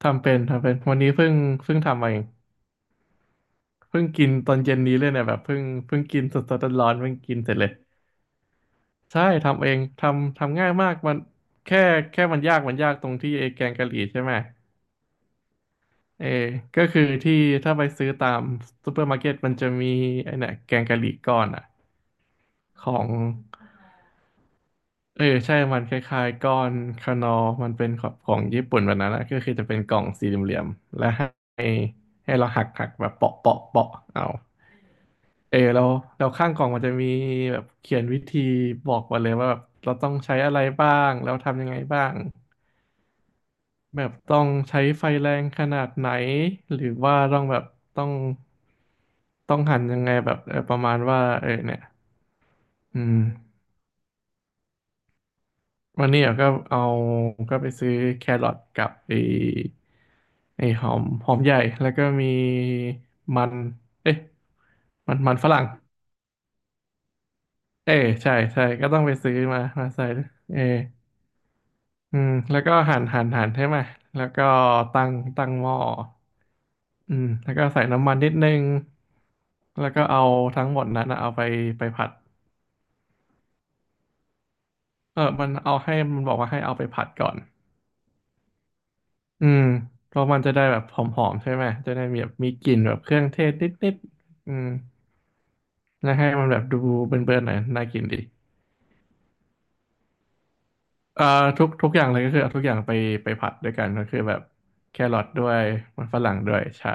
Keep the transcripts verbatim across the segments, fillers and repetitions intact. ทำเป็นทำเป็นวันนี้เพิ่งเพิ่งทำมาเองเพิ่งกินตอนเย็นนี้เลยเนี่ยแบบเพิ่งเพิ่งกินสดๆร้อนๆเพิ่งกินเสร็จเลยใช่ทำเองทำทำง่ายมากมันแค่แค่มันยากมันยากตรงที่ไอ้แกงกะหรี่ใช่ไหมเออก็คือที่ถ้าไปซื้อตามซูเปอร์มาร์เก็ตมันจะมีไอ้เนี่ยแกงกะหรี่ก้อนอ่ะของเออใช่มันคล้ายๆก้อนคานอมันเป็นของของญี่ปุ่นแบบนั้นนะก็คือจะเป็นกล่องสี่เหลี่ยมๆและให้ให้เราหักหักแบบเปาะเปาะเปาะเอา เออเราเราข้างกล่องมันจะมีแบบเขียนวิธีบอกมาเลยว่าแบบเราต้องใช้อะไรบ้างแล้วทำยังไงบ้างแบบต้องใช้ไฟแรงขนาดไหนหรือว่าต้องแบบต้องต้องหั่นยังไงแบบเออประมาณว่าเออเนี่ยอืมวันนี้เราก็เอาก็ไปซื้อแครอทกับไอ้ไอ้หอมหอมใหญ่แล้วก็มีมันเอ๊ะมันมันฝรั่งเออใช่ใช่ก็ต้องไปซื้อมามาใส่เออ อืมแล้วก็หั่นหั่นหั่นใช่ไหมแล้วก็ตั้งตั้งหม้ออืมแล้วก็ใส่น้ำมันนิดนึงแล้วก็เอาทั้งหมดนั้นนะเอาไปไปผัดเออมันเอาให้มันบอกว่าให้เอาไปผัดก่อนอืมเพราะมันจะได้แบบหอมๆใช่ไหมจะได้มีแบบมีกลิ่นแบบเครื่องเทศนิดๆอืมแล้วให้มันแบบดูเบิ่นๆหน่อยน่ากินดีเอ่อทุกทุกอย่างเลยก็คือเอาทุกอย่างไปไปผัดด้วยกันก็คือแบบแครอทด้วยมันฝรั่งด้วยใช่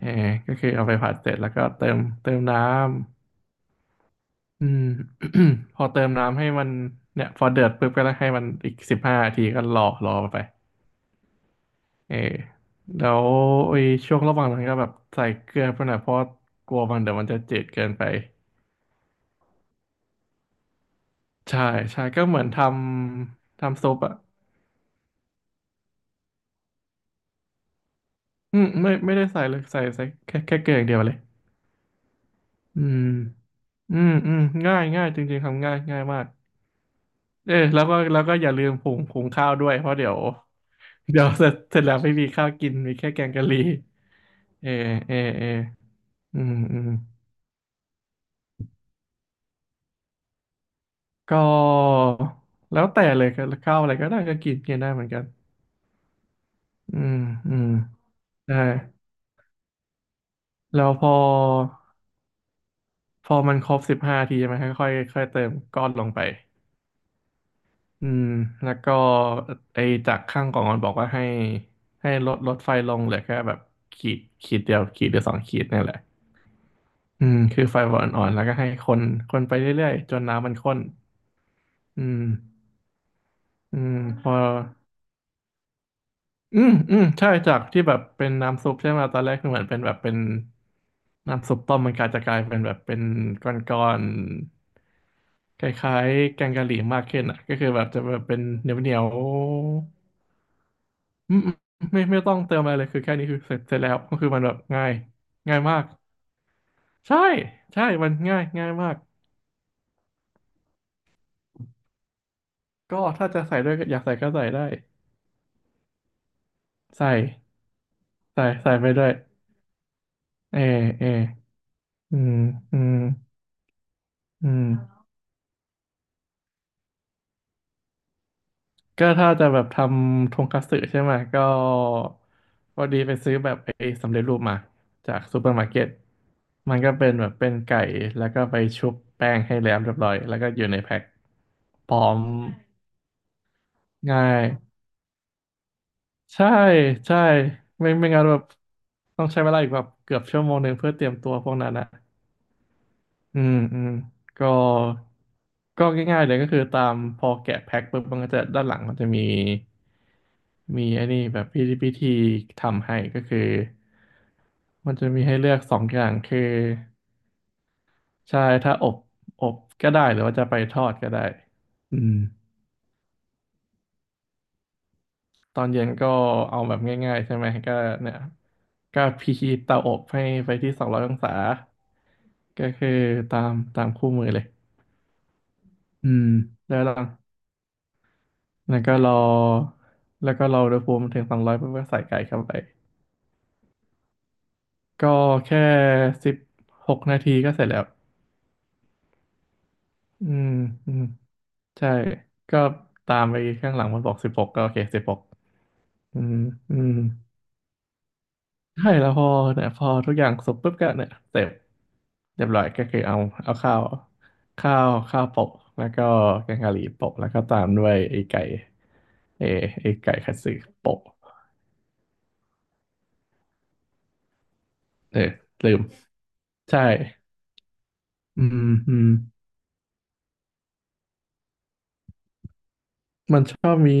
เออก็คือเอาไปผัดเสร็จแล้วก็เติมเติมน้ำอืม พอเติมน้ำให้มันเนี่ยพอเดือดปุ๊บก็ให้มันอีกสิบห้านาทีก็รอรอไปเออแล้วไอ้ช่วงระหว่างนั้นก็แบบใส่เกลือไปหน่อยเพราะกลัวมันเดี๋ยวมันจะจืดเกินไปใช่ใช่ก็เหมือนทำทำซุปอ่ะอืมไม่ไม่ได้ใส่เลยใส่ใส่แค่แค่เกลืออย่างเดียวเลยอืมอืมอืมง่ายง่ายจริงๆทำง่ายง่ายมาก เออแล้วก็แล้วก็อย่าลืมผงผงข้าวด้วยเพราะเดี๋ยวเดี๋ยว เสร็จเสร็จแล้วไม่มีข้าวกินมีแค่แกงกะหรี่เออเออเอออืมอืมก็แล้วแต่เลยก็ข้าวอะไรก็ได้ก็กินกินได้เหมือนกันอืมอืมได้แล้วพอพอมันครบสิบห้าทีใช่ไหมค่อยๆค่อยเติมก้อนลงไปอืมแล้วก็ไอ้จากข้างกล่องมันบอกว่าให้ให้ลดลดไฟลงเหลือแค่แบบขีดขีดเดียวขีดหรือสองขีดนี่แหละ อืมคือไฟอ่อนๆแล้วก็ให้คนคนไปเรื่อยๆจนน้ำมันข้นอืมอืมพออืมอืมใช่จากที่แบบเป็นน้ำซุปใช่ไหมตอนแรกคือเหมือนเป็นแบบเป็นน้ำซุปต้มมันกลายจะกลายเป็นแบบเป็นก้อนๆคล้ายๆแกงกะหรี่มากขึ้นอ่ะก็คือแบบจะแบบเป็นเหนียวๆอืมอืมไม่ไม่ต้องเติมอะไรเลยคือแค่นี้คือเสร็จเสร็จแล้วก็คือมันแบบง่ายง่ายมากใช่ใช่มันง่ายง่ายมากก็ถ้าจะใส่ด้วยอยากใส่ก็ใส่ได้ใส่ ใส่ใส่ไปด้วยเอเออืมอืมอืมก็ถ้าจะแบบทำทงคัตสึใช่ไหมก็พอดีไปซื้อแบบไอ้สำเร็จรูปมาจากซูเปอร์มาร์เก็ตมันก็เป็นแบบเป็นไก่แล้วก็ไปชุบแป้งให้แล้วเรียบร้อยแล้วก็อยู่ในแพ็คพร้อมง่ายใช่ใช่ไม่ไม่งั้นแบบต้องใช้เวลาอีกแบบเกือบชั่วโมงหนึ่งเพื่อเตรียมตัวพวกนั้นอะ อืมอืมก็ก็ง่ายๆเลยก็คือตามพอแกะแพ็คปุ๊บมันก็จะด้านหลังมันจะมีมีไอ้นี่แบบพิธีพิธีทำให้ก็คือมันจะมีให้เลือกสองอย่างคือใช่ถ้าอบอบก็ได้หรือว่าจะไปทอดก็ได้อืมตอนเย็นก็เอาแบบง่ายๆใช่ไหมก็เนี่ยก็พิธีเตาอบให้ไปที่สองร้อยองศาก็คือตามตามคู่มือเลยอืมแล้วหลัง แล้วก็รอแล้วก็รออุณหภูมิถึงสองร้อยเพื่อใส่ไก่เข้าไปก็แค่สิบหกนาทีก็เสร็จแล้วอืมอืมใช่ก็ตามไปข้างหลังมันบอกสิบหกก็โอเคสิบหกอืมอืมใช่แล้วพอเนี่ยพอทุกอย่างสุกปุ๊บก็เนี่ยเสร็จเรียบร้อยก็คือเอาเอาข้าวข้าวข้าวโปะแล้วก็แกงกะหรี่โปะแล้วก็ตามด้วยไอ้ไก่เออไอ้ไก่คัตสึโปะเออลืมใช่อืมอืม มันชอบมี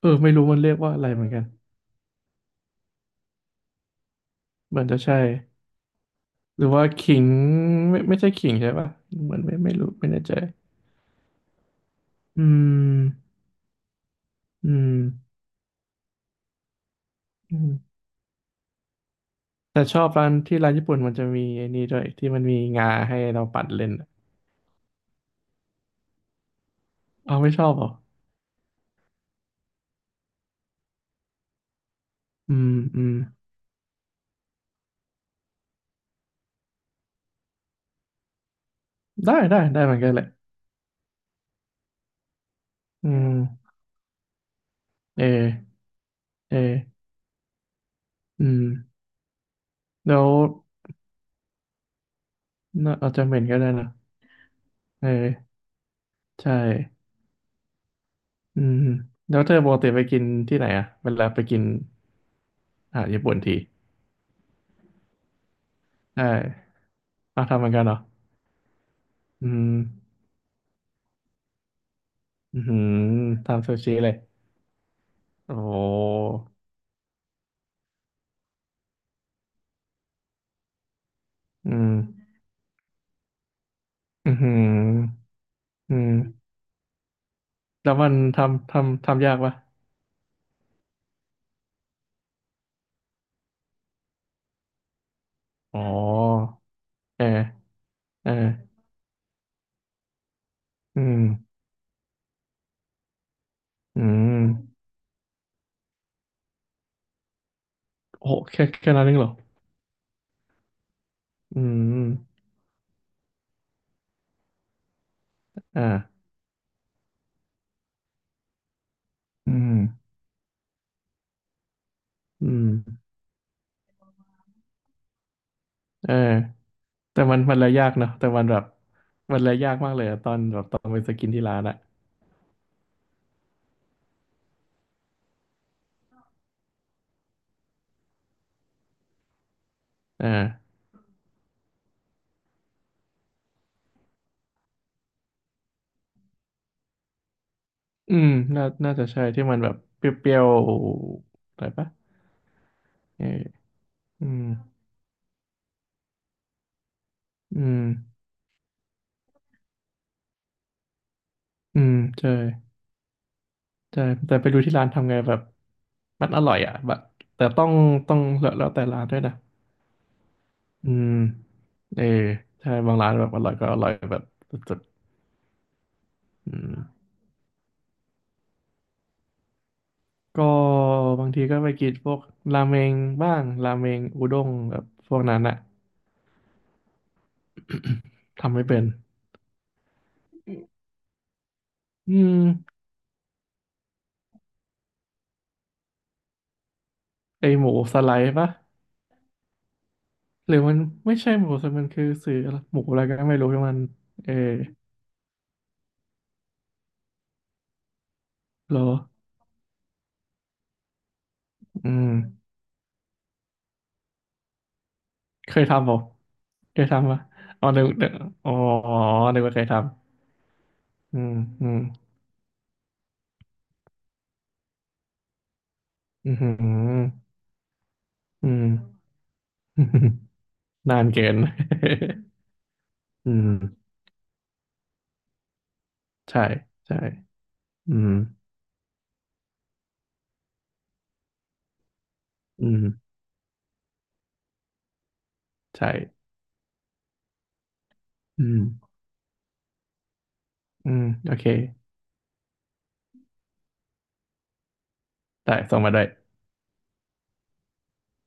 เออไม่รู้มันเรียกว่าอะไรเหมือนกันเหมือนจะใช่หรือว่าขิงไม่ไม่ใช่ขิงใช่ป่ะเหมือนไม่ไม่รู้ไม่แน่ใจอืมอืมอืมแต่ชอบร้านที่ร้านญี่ปุ่นมันจะมีไอ้นี่ด้วยที่มันมีงาให้เราปัดเล่นอะเอาไม่ชอบเหรออืมอืมได้ได้ได้เหมือนกันแหละอืมเออเอออืมแล้วน่าอาจจะเหม็นก็ได้นะเออใช่อืมแล้วเธอปกติไปกินที่ไหนอะเวลาไปกิน อ่าญี่ปุ่นทีใช่อ่าทำเหมือนกันเหรออืมอือหือทำซูชิเลย โอ้โหอืมอือหืออืมแล้วมันทำทำทำยากปะอ๋อเออเอออืมอืมโอ้โหแค่แค่นั้นเองเหรออืมอ่าอืมอืมเออแต่มันมันเลยยากเนอะแต่มันแบบ มันเลยยากมากเลยอะตอนแบบตอนไปสกินที่ร้านอะเออ อืมน่าน่าจะใช่ที่มันแบบเปรี้ยวๆอะไรปะเอออืมอืมอืมใช่ใช่แต่ไปดูที่ร้านทำไงแบบมันอร่อยอ่ะแบบแต่ต้องต้องแล้วแล้วแต่ร้านด้วยนะอืมเออใช่บางร้านแบบอร่อยก็อร่อยแบบสุดๆอืมก็บางทีก็ไปกินพวกราเมงบ้างราเมงอุด้งแบบพวกนั้นอะทำไม่เป็นอืมไอหมูสไลด์ปะ หรือมันไม่ใช่หมูสดมันคือสื่ออะไรหมูอะไรก็ไม่รู้ที่มันเออเหรออืมเคยทำเปล่าเคยทำปะอ๋อนึกนึกอ๋อนึกว่าเคยทำอืมอืมอืมอหืออืม นานเกิน อืมใช่ใช่อืมอืมใช่อืมอืมโอเคได้ส่งมาได้